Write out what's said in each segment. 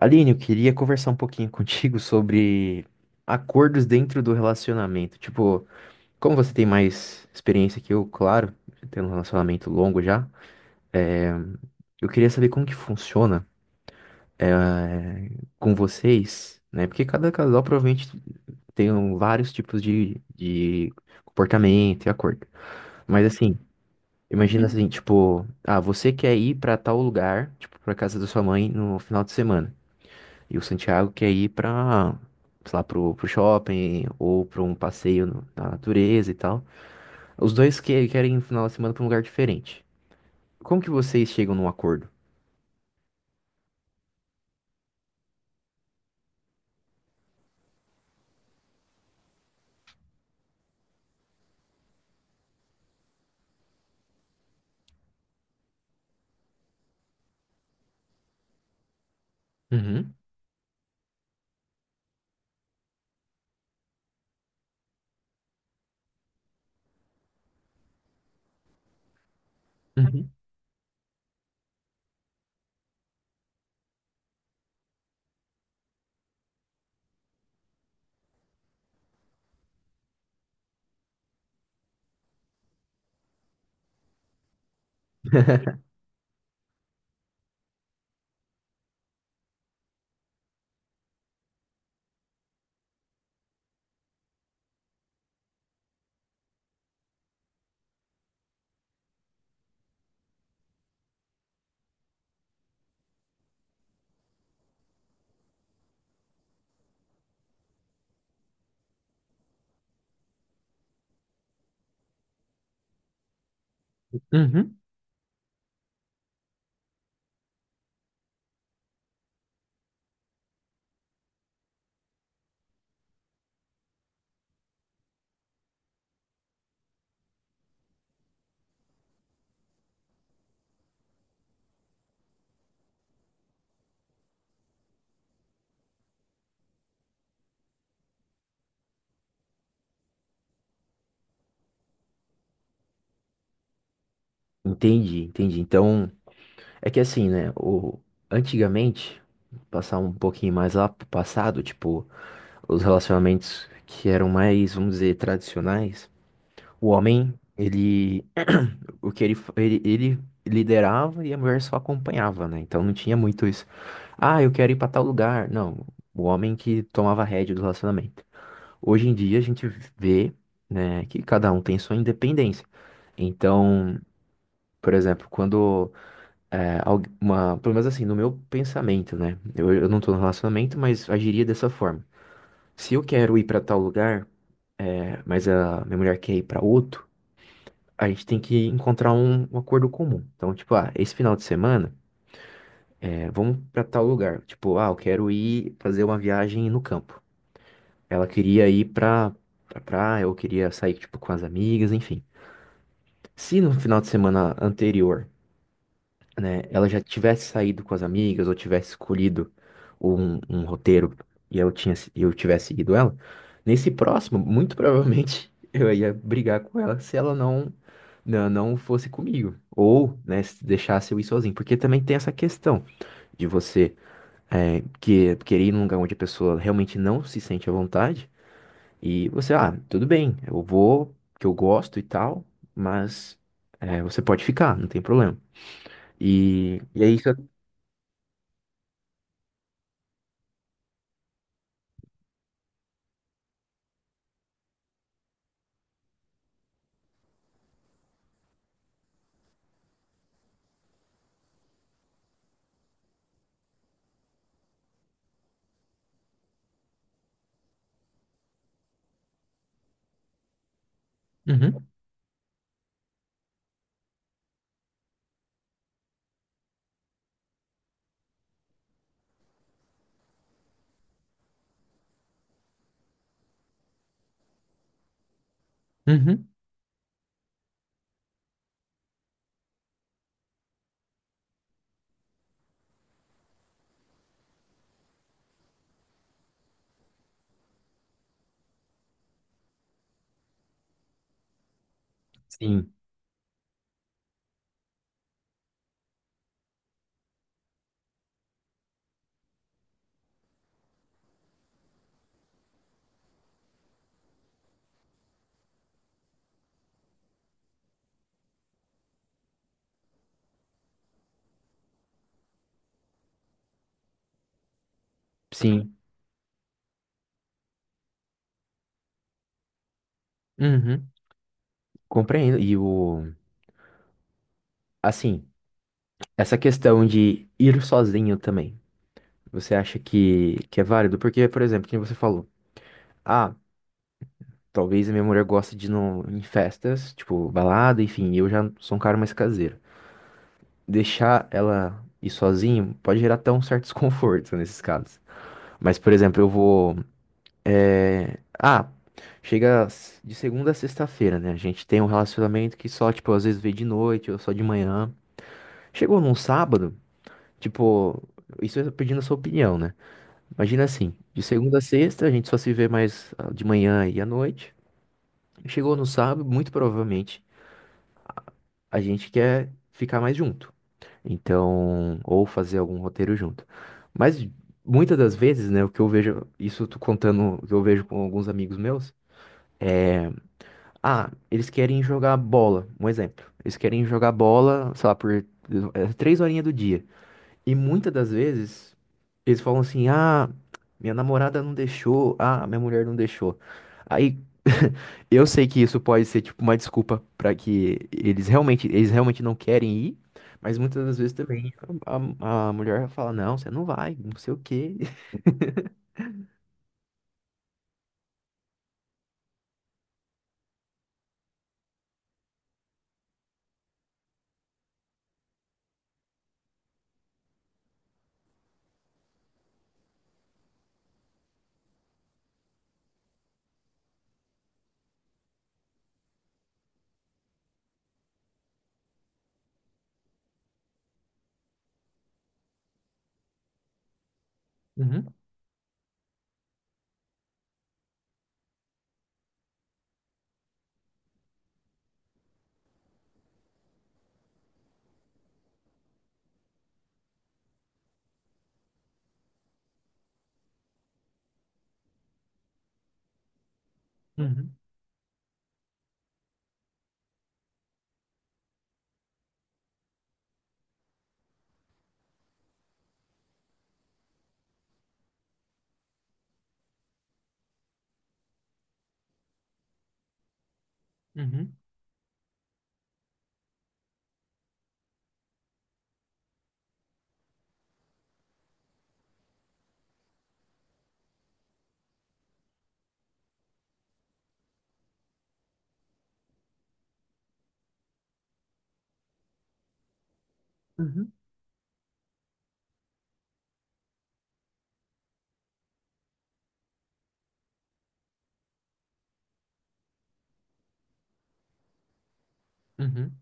Aline, eu queria conversar um pouquinho contigo sobre acordos dentro do relacionamento. Tipo, como você tem mais experiência que eu, claro, tendo um relacionamento longo já, é, eu queria saber como que funciona eh, com vocês, né? Porque cada casal provavelmente tem vários tipos de comportamento e acordo. Mas assim, imagina. Uhum. Assim, tipo, ah, você quer ir pra tal lugar, tipo, pra casa da sua mãe no final de semana. E o Santiago quer ir pra, sei lá, pro shopping ou pra um passeio na natureza e tal. Os dois querem ir no final de semana pra um lugar diferente. Como que vocês chegam num acordo? Uhum, uhum, uhum. Entendi, entendi. Então, é que assim, né? Antigamente, passar um pouquinho mais lá pro passado, tipo, os relacionamentos que eram mais, vamos dizer, tradicionais, o homem, ele o que ele, fa- ele liderava e a mulher só acompanhava, né? Então não tinha muito isso. Ah, eu quero ir pra tal lugar. Não, o homem que tomava a rédea do relacionamento. Hoje em dia a gente vê, né, que cada um tem sua independência. Então, por exemplo, quando uma, pelo menos assim, no meu pensamento, né? Eu não tô no relacionamento, mas agiria dessa forma. Se eu quero ir pra tal lugar, mas a minha mulher quer ir pra outro, a gente tem que encontrar um acordo comum. Então, tipo, ah, esse final de semana, vamos pra tal lugar. Tipo, ah, eu quero ir fazer uma viagem no campo. Ela queria ir pra praia, eu queria sair, tipo, com as amigas, enfim. Se no final de semana anterior, né, ela já tivesse saído com as amigas ou tivesse escolhido um roteiro e e eu tivesse seguido ela, nesse próximo, muito provavelmente eu ia brigar com ela se ela não fosse comigo ou, né, se deixasse eu ir sozinho, porque também tem essa questão de você querer ir num lugar onde a pessoa realmente não se sente à vontade e você, ah, tudo bem, eu vou, que eu gosto e tal, mas você pode ficar, não tem problema. E é isso. Uhum. Uhum. Sim, sim. Uhum. Compreendo. E assim, essa questão de ir sozinho também, você acha que é válido? Porque, por exemplo, como você falou, ah, talvez a minha mulher goste de ir no, em festas, tipo, balada, enfim, eu já sou um cara mais caseiro. Deixar ela ir sozinho pode gerar até um certo desconforto nesses casos. Mas, por exemplo, eu vou É, ah, chega s- de segunda a sexta-feira, né? A gente tem um relacionamento que só, tipo, às vezes vê de noite ou só de manhã. Chegou num sábado, tipo, isso eu tô pedindo a sua opinião, né? Imagina assim, de segunda a sexta a gente só se vê mais de manhã e à noite. Chegou no sábado, muito provavelmente, a gente quer ficar mais junto. Então, ou fazer algum roteiro junto. Mas muitas das vezes, né, o que eu vejo, isso eu tô contando, o que eu vejo com alguns amigos meus. é, Ah, eles querem jogar bola, um exemplo. Eles querem jogar bola, sei lá, por três horinhas do dia. E muitas das vezes eles falam assim: ah, minha namorada não deixou, ah, minha mulher não deixou. Aí eu sei que isso pode ser tipo uma desculpa pra que eles realmente não querem ir, mas muitas das vezes também a mulher fala: não, você não vai, não sei o quê. Uhum, uhum, uhum, uhum, uhum.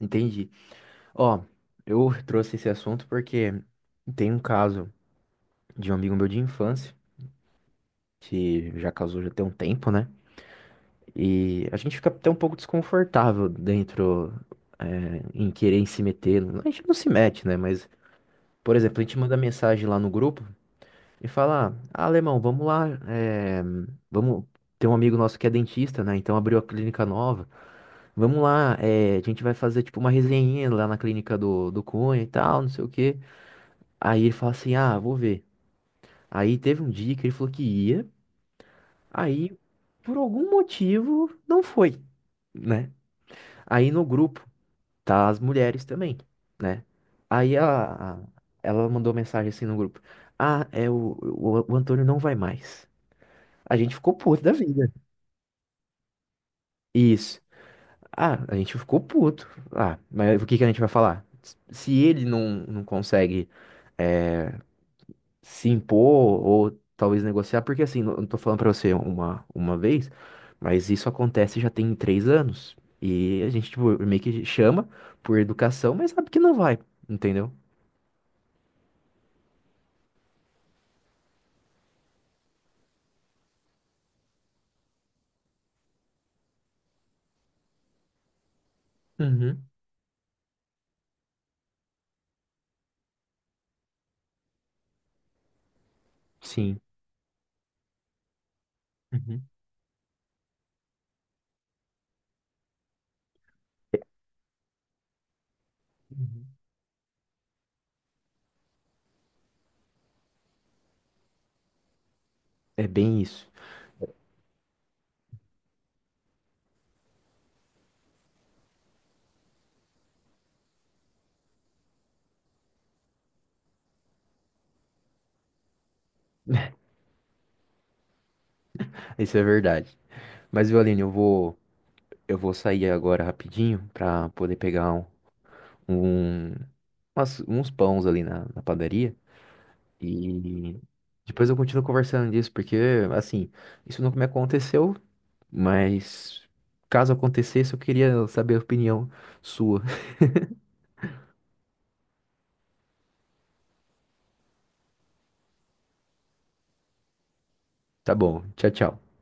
Entendi. Ó, eu trouxe esse assunto porque tem um caso de um amigo meu de infância, que já casou já tem um tempo, né? E a gente fica até um pouco desconfortável dentro, em querer em se meter. A gente não se mete, né? Mas, por exemplo, a gente manda mensagem lá no grupo e fala: ah, alemão, vamos lá, vamos. Tem um amigo nosso que é dentista, né? Então abriu a clínica nova. Vamos lá, a gente vai fazer tipo uma resenha lá na clínica do Cunha e tal, não sei o quê. Aí ele fala assim: ah, vou ver. Aí teve um dia que ele falou que ia, aí por algum motivo não foi, né? Aí no grupo tá as mulheres também, né? Aí ela mandou mensagem assim no grupo: ah, é o Antônio não vai mais. A gente ficou puto da vida. Isso. Ah, a gente ficou puto. Ah, mas o que que a gente vai falar? Se ele não consegue se impor ou talvez negociar, porque assim, não tô falando pra você uma vez, mas isso acontece já tem 3 anos. E a gente, tipo, meio que chama por educação, mas sabe que não vai, entendeu? Uhum, sim, uhum, uhum. É bem isso. Isso é verdade. Mas, Violine, eu vou sair agora rapidinho pra poder pegar um- uns pães ali na padaria e. Depois eu continuo conversando disso, porque, assim, isso nunca me aconteceu. Mas caso acontecesse, eu queria saber a opinião sua. Tá bom, tchau, tchau.